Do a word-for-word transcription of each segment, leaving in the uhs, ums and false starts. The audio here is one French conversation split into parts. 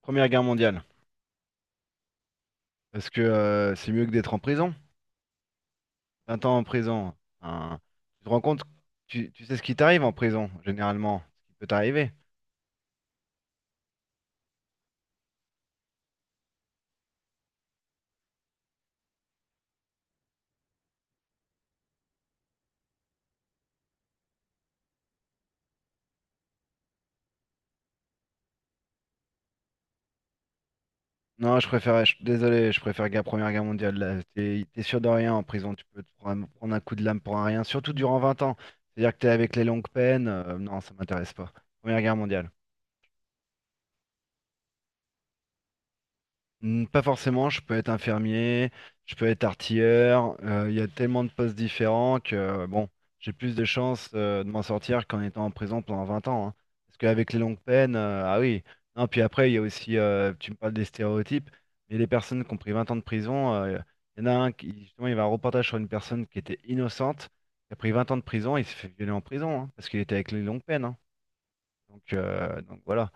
Première Guerre mondiale. Parce que euh, c'est mieux que d'être en prison. Vingt ans en prison, hein. Tu te rends compte, tu, tu sais ce qui t'arrive en prison, généralement, ce qui peut t'arriver. Non, je préfère, je- désolé, je préfère guerre. Première Guerre mondiale, là. T'es, t'es sûr de rien en prison, tu peux te prendre, prendre un coup de lame pour un rien, surtout durant vingt ans. C'est-à-dire que t'es avec les longues peines, euh, non, ça m'intéresse pas. Première Guerre mondiale. Hmm, pas forcément, je peux être infirmier, je peux être artilleur, euh, il y a tellement de postes différents que euh, bon, j'ai plus de chances euh, de m'en sortir qu'en étant en prison pendant vingt ans, hein. Parce qu'avec les longues peines, euh, ah oui. Non, puis après, il y a aussi, euh, tu me parles des stéréotypes, mais les personnes qui ont pris vingt ans de prison, euh, il y en a un qui, justement, il y avait un reportage sur une personne qui était innocente, qui a pris vingt ans de prison, il s'est fait violer en prison, hein, parce qu'il était avec les longues peines, hein. Donc, euh, donc voilà.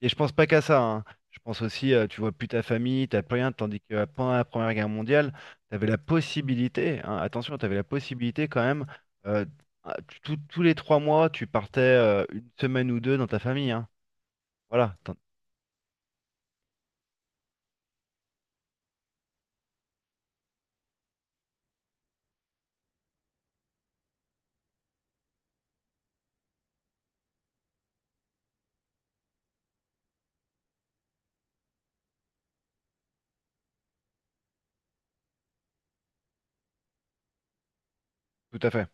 Et je pense pas qu'à ça, hein. Je pense aussi, euh, tu vois plus ta famille, t'as plus rien, tandis que euh, pendant la Première Guerre mondiale, t'avais la possibilité, hein, attention, t'avais la possibilité quand même, euh, ah, tu- tous tous les trois mois, tu partais euh, une semaine ou deux dans ta famille, hein. Voilà, t'en- tout à fait.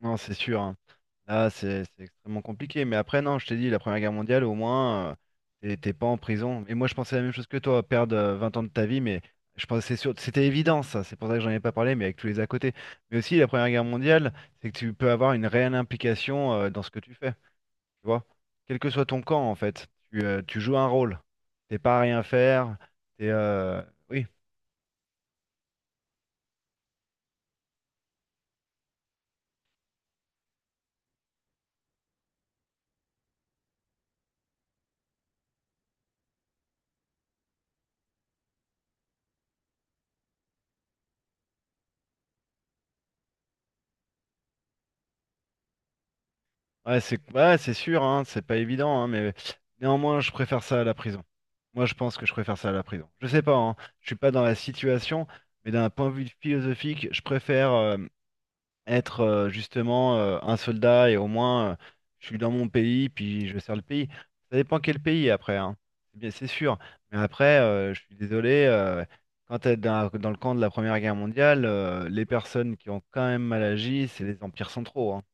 Non, c'est sûr, hein. Là, c'est c'est extrêmement compliqué. Mais après, non, je t'ai dit, la Première Guerre mondiale, au moins, euh, t'es t'es pas en prison. Et moi, je pensais la même chose que toi, perdre euh, vingt ans de ta vie, mais je pensais c'est sûr, c'était évident, ça. C'est pour ça que j'en ai pas parlé, mais avec tous les à côté. Mais aussi, la Première Guerre mondiale, c'est que tu peux avoir une réelle implication euh, dans ce que tu fais. Tu vois? Quel que soit ton camp, en fait, tu, euh, tu joues un rôle. T'es pas à rien faire. T'es, euh, oui, ouais, c'est ouais, c'est sûr, hein, c'est pas évident, hein, mais néanmoins, je préfère ça à la prison. Moi, je pense que je préfère ça à la prison. Je sais pas, hein, je suis pas dans la situation, mais d'un point de vue philosophique, je préfère euh, être euh, justement euh, un soldat et au moins euh, je suis dans mon pays, puis je sers le pays. Ça dépend quel pays après, hein. C'est bien, c'est sûr. Mais après, euh, je suis désolé, euh, quand t'es dans, dans le camp de la Première Guerre mondiale, euh, les personnes qui ont quand même mal agi, c'est les empires centraux, hein.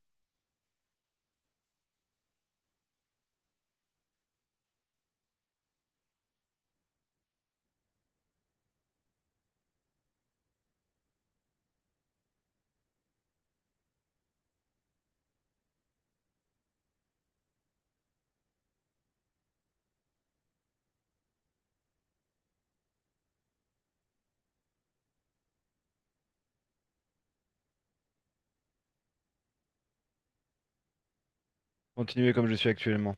Continuez comme je suis actuellement.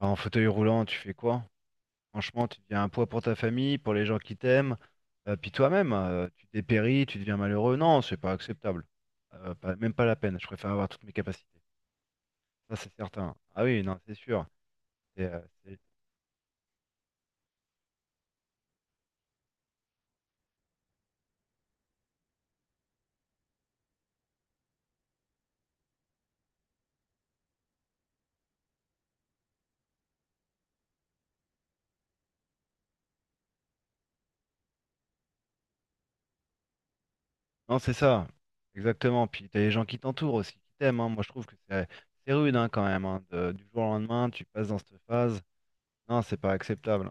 Bah, en fauteuil roulant, tu fais quoi? Franchement, tu deviens un poids pour ta famille, pour les gens qui t'aiment, euh, puis toi-même, euh, tu dépéris, tu deviens malheureux. Non, c'est pas acceptable. Euh, pas- même pas la peine. Je préfère avoir toutes mes capacités. Ça, c'est certain. Ah oui, non, c'est sûr. C'est, euh, c'est- Non, c'est ça. Exactement. Puis t'as les gens qui t'entourent aussi, qui t'aiment, hein. Moi, je trouve que c'est c'est rude, hein, quand même, hein. De- Du jour au lendemain, tu passes dans cette phase. Non, c'est pas acceptable.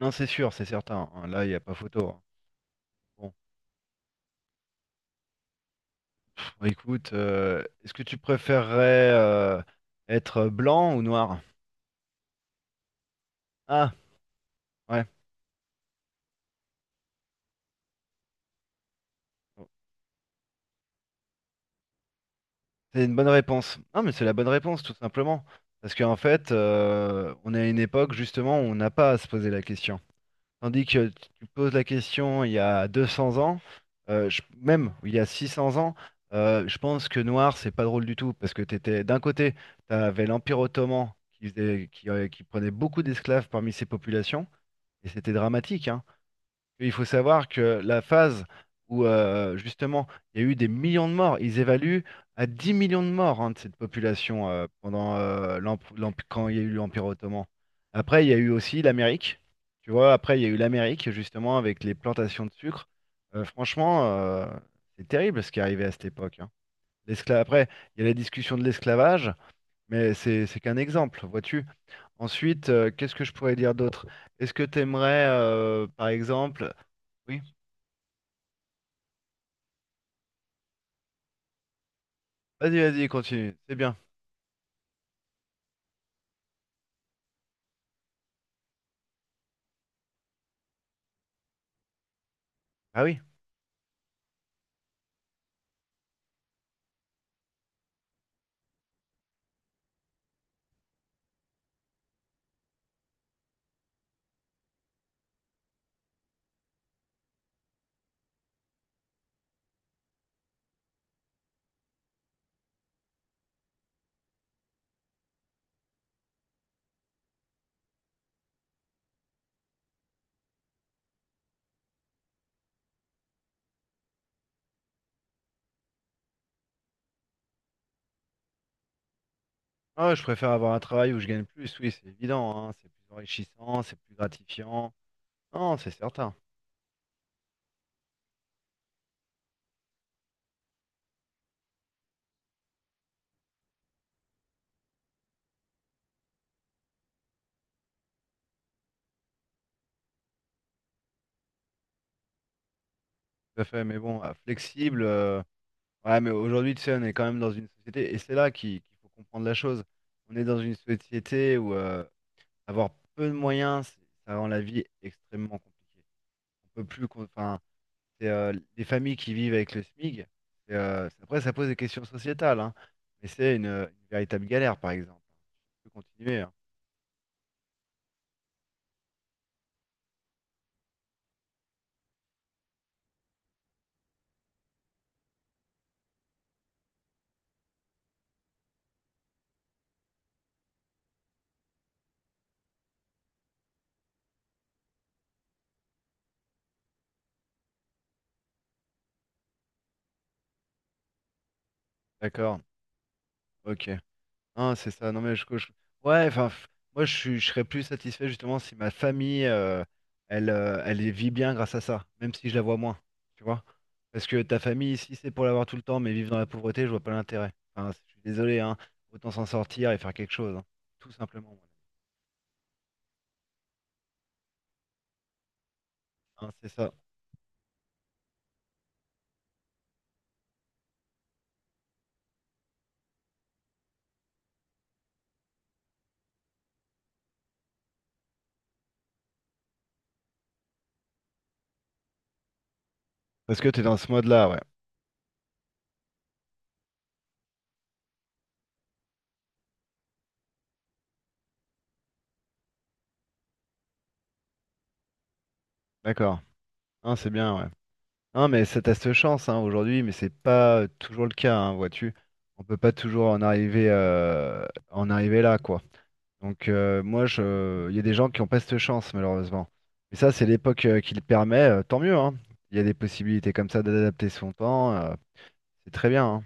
Non, c'est sûr, c'est certain, hein. Là, il n'y a pas photo, hein. Bon. Bon, écoute, euh, est-ce que tu préférerais euh, être blanc ou noir? Ah, ouais, bon, c'est une bonne réponse. Non, mais c'est la bonne réponse, tout simplement. Parce qu'en fait, euh, on est à une époque, justement, où on n'a pas à se poser la question. Tandis que tu tu poses la question il y a deux cents ans, euh, je- même il y a six cents ans, euh, je pense que noir, c'est pas drôle du tout. Parce que t'étais, d'un côté, tu avais l'Empire ottoman qui faisait- qui, euh, qui prenait beaucoup d'esclaves parmi ses populations, et c'était dramatique, hein. Il faut savoir que la phase où euh, justement il y a eu des millions de morts, ils évaluent à dix millions de morts, hein, de cette population, euh, pendant euh, l'emp- l'emp- quand il y a eu l'Empire ottoman. Après, il y a eu aussi l'Amérique. Tu vois, après, il y a eu l'Amérique justement avec les plantations de sucre. Euh, franchement, euh, c'est terrible ce qui est arrivé à cette époque, hein. L'escla- Après, il y a la discussion de l'esclavage, mais c'est c'est qu'un exemple, vois-tu. Ensuite, euh, qu'est-ce que je pourrais dire d'autre? Est-ce que tu aimerais, euh, par exemple, oui. Vas-y, vas-y, continue. C'est bien. Ah oui. Ah ouais, je préfère avoir un travail où je gagne plus, oui, c'est évident, hein. C'est plus enrichissant, c'est plus gratifiant. Non, c'est certain. Tout à fait, mais bon, ah, flexible. euh, Ouais, mais aujourd'hui, tu sais, on est quand même dans une société, et c'est là qu'il qu'il faut comprendre la chose. On est dans une société où euh, avoir peu de moyens, c'est- ça rend la vie extrêmement compliquée. On peut plus, qu'on- enfin, c'est euh, les familles qui vivent avec le SMIG. Et, euh, c'est- après, ça pose des questions sociétales, hein. Mais c'est une, une véritable galère, par exemple. Je peux continuer, hein. D'accord, ok. Non, c'est ça. Non, mais je, je- ouais, enfin, f- moi, je, suis- je serais plus satisfait justement si ma famille, euh, elle, euh, elle y vit bien grâce à ça, même si je la vois moins, tu vois. Parce que ta famille, si c'est pour l'avoir tout le temps, mais vivre dans la pauvreté, je vois pas l'intérêt. Enfin, je suis désolé, hein. Autant s'en sortir et faire quelque chose, hein. Tout simplement, voilà. Hein, c'est ça. Parce que tu es dans ce mode-là, ouais. D'accord. Hein, c'est bien, ouais. Hein, mais ça, t'as cette chance, hein, aujourd'hui, mais c'est pas euh, toujours le cas, hein, vois-tu. On peut pas toujours en arriver, euh, en arriver là, quoi. Donc euh, moi, je, il y a des gens qui ont pas cette chance, malheureusement. Mais ça, c'est l'époque euh, qui le permet, euh, tant mieux, hein. Il y a des possibilités comme ça d'adapter son temps, euh, c'est très bien, hein.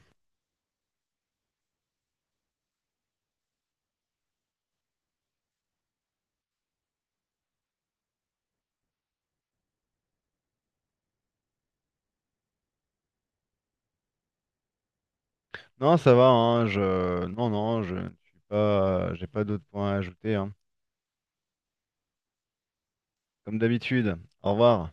Non, ça va, hein, je, non, non, je ne suis pas, j'ai pas d'autres points à ajouter, hein. Comme d'habitude. Au revoir.